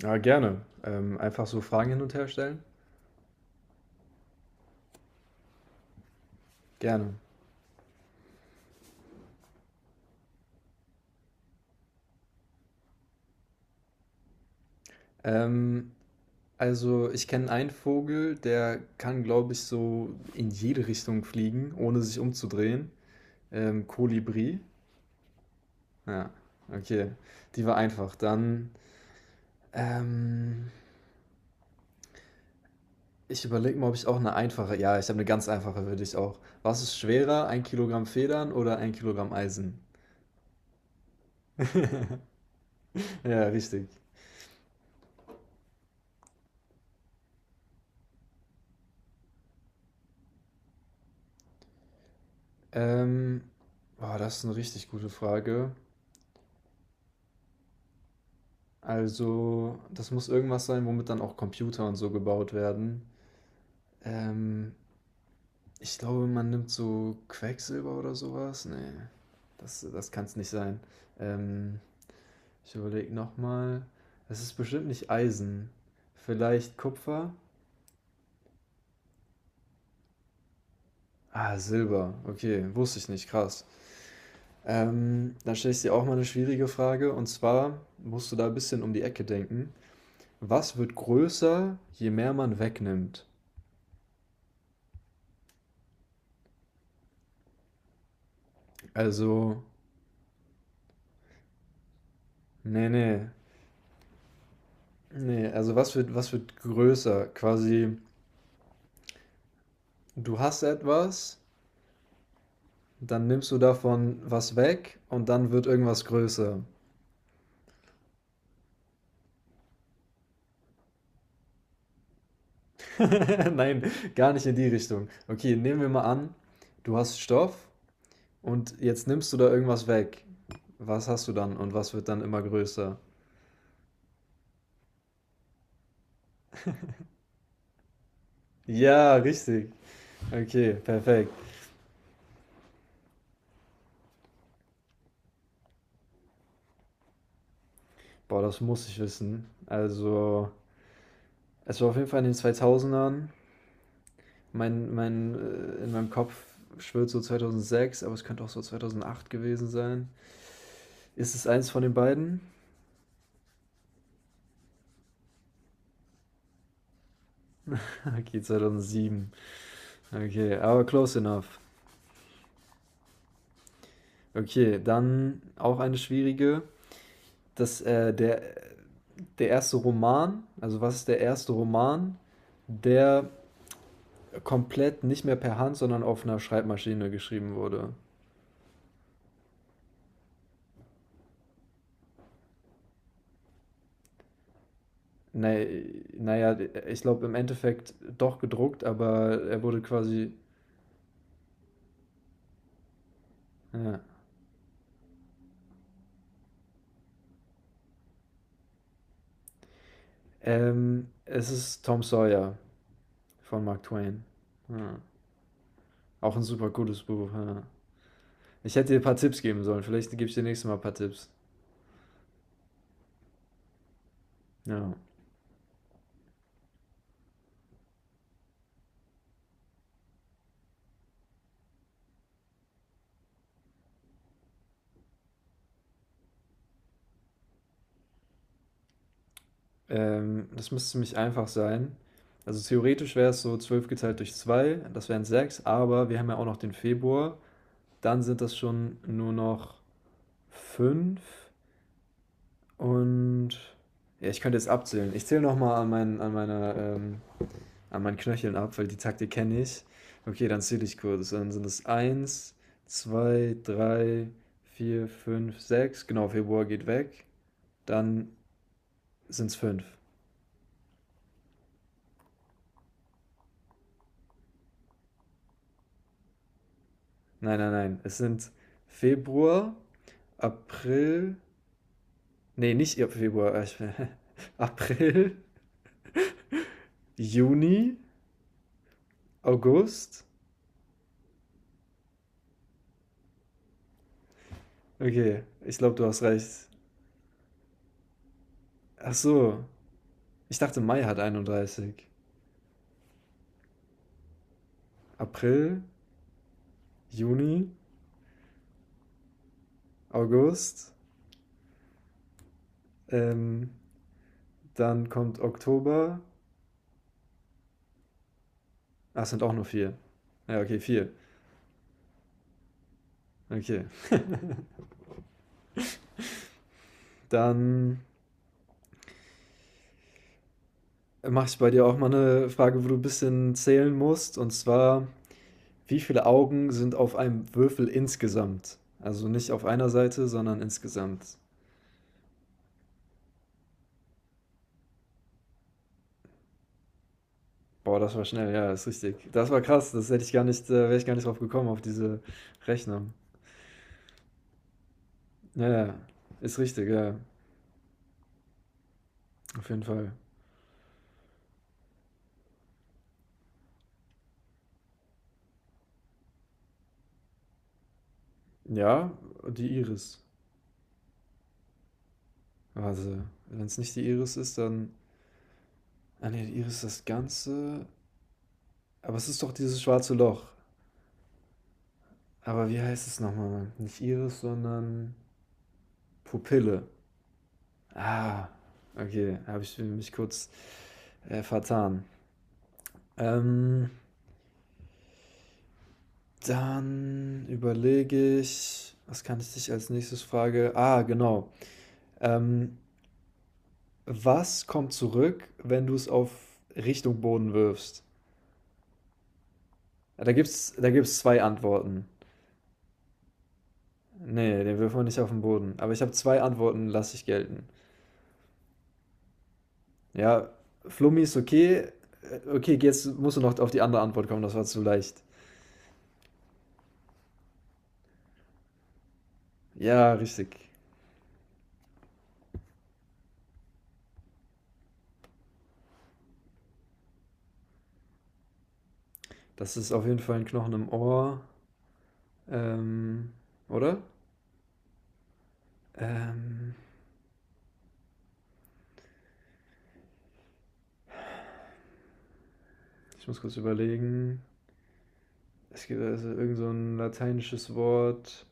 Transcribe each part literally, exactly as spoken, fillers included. Ja, gerne. Ähm, einfach so Fragen hin und her stellen? Gerne. Ähm, also ich kenne einen Vogel, der kann, glaube ich, so in jede Richtung fliegen, ohne sich umzudrehen. Ähm, Kolibri. Ja, okay. Die war einfach. Dann, ähm, Ich überlege mal, ob ich auch eine einfache. Ja, ich habe eine ganz einfache für dich auch. Was ist schwerer, ein Kilogramm Federn oder ein Kilogramm Eisen? Ja, richtig. Ähm, Boah, das ist eine richtig gute Frage. Also, das muss irgendwas sein, womit dann auch Computer und so gebaut werden. Ähm, Ich glaube, man nimmt so Quecksilber oder sowas. Nee, das, das kann es nicht sein. Ähm, Ich überlege nochmal. Es ist bestimmt nicht Eisen. Vielleicht Kupfer? Ah, Silber. Okay, wusste ich nicht. Krass. Ähm, dann stelle ich dir auch mal eine schwierige Frage. Und zwar musst du da ein bisschen um die Ecke denken. Was wird größer, je mehr man wegnimmt? Also, nee, nee. Ne, also was wird was wird größer? Quasi, du hast etwas, dann nimmst du davon was weg und dann wird irgendwas größer. Nein, gar nicht in die Richtung. Okay, nehmen wir mal an, du hast Stoff und jetzt nimmst du da irgendwas weg. Was hast du dann und was wird dann immer größer? Ja, richtig. Okay, perfekt. Boah, das muss ich wissen. Also, es war auf jeden Fall in den zweitausendern. Mein, mein, äh, in meinem Kopf schwirrt so zweitausendsechs, aber es könnte auch so zweitausendacht gewesen sein. Ist es eins von den beiden? Okay, zweitausendsieben. Okay, aber close enough. Okay, dann auch eine schwierige. Das, äh, der, Der erste Roman, also was ist der erste Roman, der komplett nicht mehr per Hand, sondern auf einer Schreibmaschine geschrieben wurde? Nee, naja, ich glaube im Endeffekt doch gedruckt, aber er wurde quasi. Ja. Ähm, es ist Tom Sawyer von Mark Twain. Ja. Auch ein super gutes Buch. Ja. Ich hätte dir ein paar Tipps geben sollen. Vielleicht gebe ich dir nächstes Mal ein paar Tipps. Ja. Ähm, das müsste ziemlich einfach sein. Also theoretisch wäre es so zwölf geteilt durch zwei. Das wären sechs. Aber wir haben ja auch noch den Februar. Dann sind das schon nur noch fünf und ja, ich könnte jetzt abzählen. Ich zähle nochmal an, mein, an meiner ähm, an meinen Knöcheln ab, weil die Taktik kenne ich. Okay, dann zähle ich kurz. Dann sind es eins, zwei, drei, vier, fünf, sechs. Genau, Februar geht weg. Dann sind es fünf. Nein, nein, nein. Es sind Februar, April. Nee, nicht ihr Februar. äh, Ich, April, Juni, August. Okay, ich glaube, du hast recht. Ach so. Ich dachte, Mai hat einunddreißig. April, Juni, August, ähm, dann kommt Oktober. Ach, es sind auch nur vier. Ja, okay, vier. Okay. Dann mache ich bei dir auch mal eine Frage, wo du ein bisschen zählen musst. Und zwar, wie viele Augen sind auf einem Würfel insgesamt? Also nicht auf einer Seite, sondern insgesamt. Boah, das war schnell, ja, ist richtig. Das war krass, das hätte ich gar nicht, da wäre ich gar nicht drauf gekommen, auf diese Rechnung. Ja, ja, ist richtig, ja, auf jeden Fall. Ja, die Iris. Also, wenn es nicht die Iris ist, dann ah ne, Iris das Ganze. Aber es ist doch dieses schwarze Loch. Aber wie heißt es nochmal, Mann? Nicht Iris, sondern Pupille. Ah, okay. Habe ich mich kurz äh, vertan. Ähm, dann überlege ich, was kann ich dich als nächstes frage? Ah, genau. Ähm, Was kommt zurück, wenn du es auf Richtung Boden wirfst? Da gibt's, da gibt's zwei Antworten. Nee, den wirft man nicht auf den Boden. Aber ich habe zwei Antworten, lasse ich gelten. Ja, Flummi ist okay. Äh, Okay, jetzt musst du noch auf die andere Antwort kommen, das war zu leicht. Ja, richtig. Das ist auf jeden Fall ein Knochen im Ohr. Ähm, oder? Ähm, Ich muss kurz überlegen. Es gibt also irgend so ein lateinisches Wort.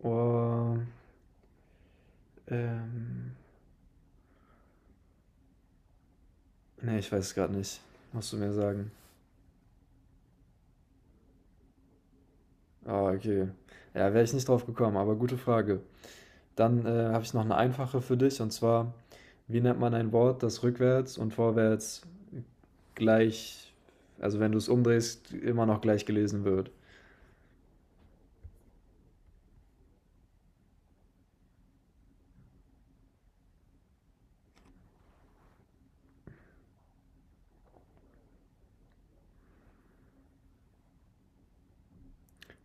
Ohr. Ähm, Nee, ich weiß es gerade nicht. Musst du mir sagen. Ah, okay. Ja, wäre ich nicht drauf gekommen, aber gute Frage. Dann, äh, habe ich noch eine einfache für dich und zwar: Wie nennt man ein Wort, das rückwärts und vorwärts gleich, also, wenn du es umdrehst, immer noch gleich gelesen wird?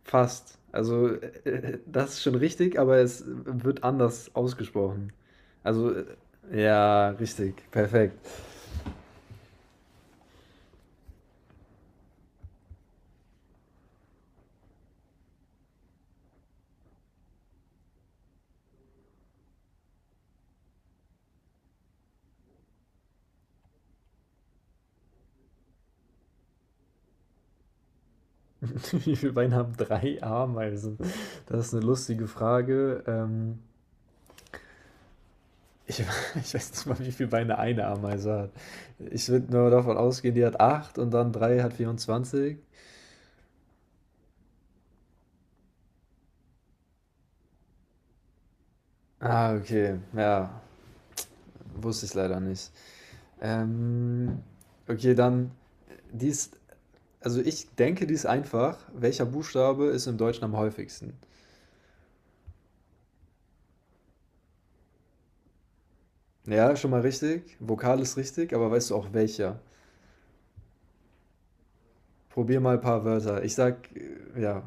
Fast. Also, äh, äh, das ist schon richtig, aber es, äh, wird anders ausgesprochen. Also, äh ja, richtig, perfekt. Wie viele Beine haben drei Ameisen? Das ist eine lustige Frage, ähm ich, ich weiß nicht mal, wie viele Beine eine Ameise hat. Ich würde nur davon ausgehen, die hat acht und dann drei hat vierundzwanzig. Ah, okay. Ja, wusste ich leider nicht. Ähm, okay, dann, die ist, also ich denke, die ist einfach. Welcher Buchstabe ist im Deutschen am häufigsten? Ja, schon mal richtig. Vokal ist richtig, aber weißt du auch welcher? Probier mal ein paar Wörter. Ich sag, äh, ja,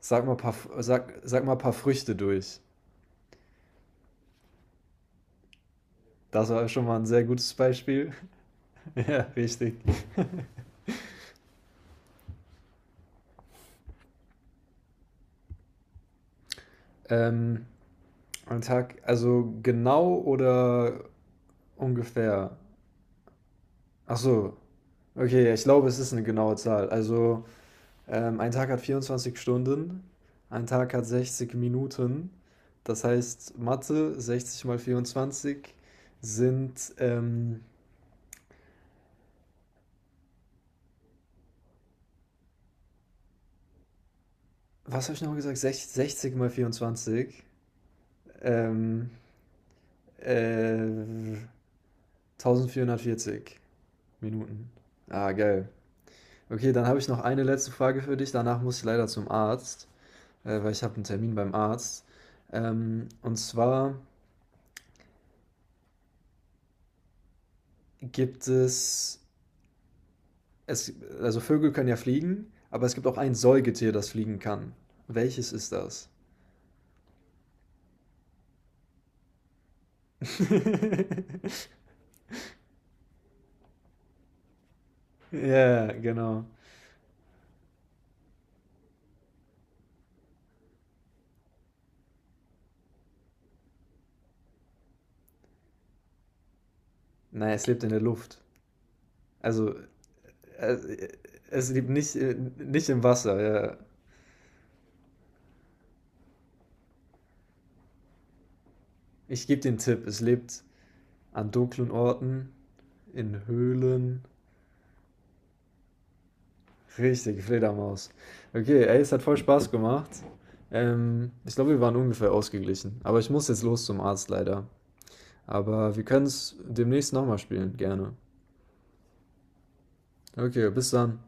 sag mal ein paar, F- sag, sag mal ein paar Früchte durch. Das war schon mal ein sehr gutes Beispiel. Ja, richtig. Ähm, am Tag, also genau oder ungefähr? Ach so. Okay, ja, ich glaube, es ist eine genaue Zahl. Also, ähm, ein Tag hat vierundzwanzig Stunden, ein Tag hat sechzig Minuten. Das heißt, Mathe, sechzig mal vierundzwanzig sind, ähm, was habe ich nochmal gesagt? Sech- sechzig mal vierundzwanzig. ähm, äh, eintausendvierhundertvierzig Minuten. Ah, geil. Okay, dann habe ich noch eine letzte Frage für dich. Danach muss ich leider zum Arzt, äh, weil ich habe einen Termin beim Arzt. Ähm, und zwar gibt es, es, also Vögel können ja fliegen, aber es gibt auch ein Säugetier, das fliegen kann. Welches ist das? Ja, genau. Nein, es lebt in der Luft. Also, äh, Es lebt nicht, äh, nicht im Wasser. Ja. Ich gebe den Tipp, es lebt an dunklen Orten, in Höhlen. Richtig, Fledermaus. Okay, ey, es hat voll Spaß gemacht. Ähm, ich glaube, wir waren ungefähr ausgeglichen. Aber ich muss jetzt los zum Arzt leider. Aber wir können es demnächst nochmal spielen, gerne. Okay, bis dann.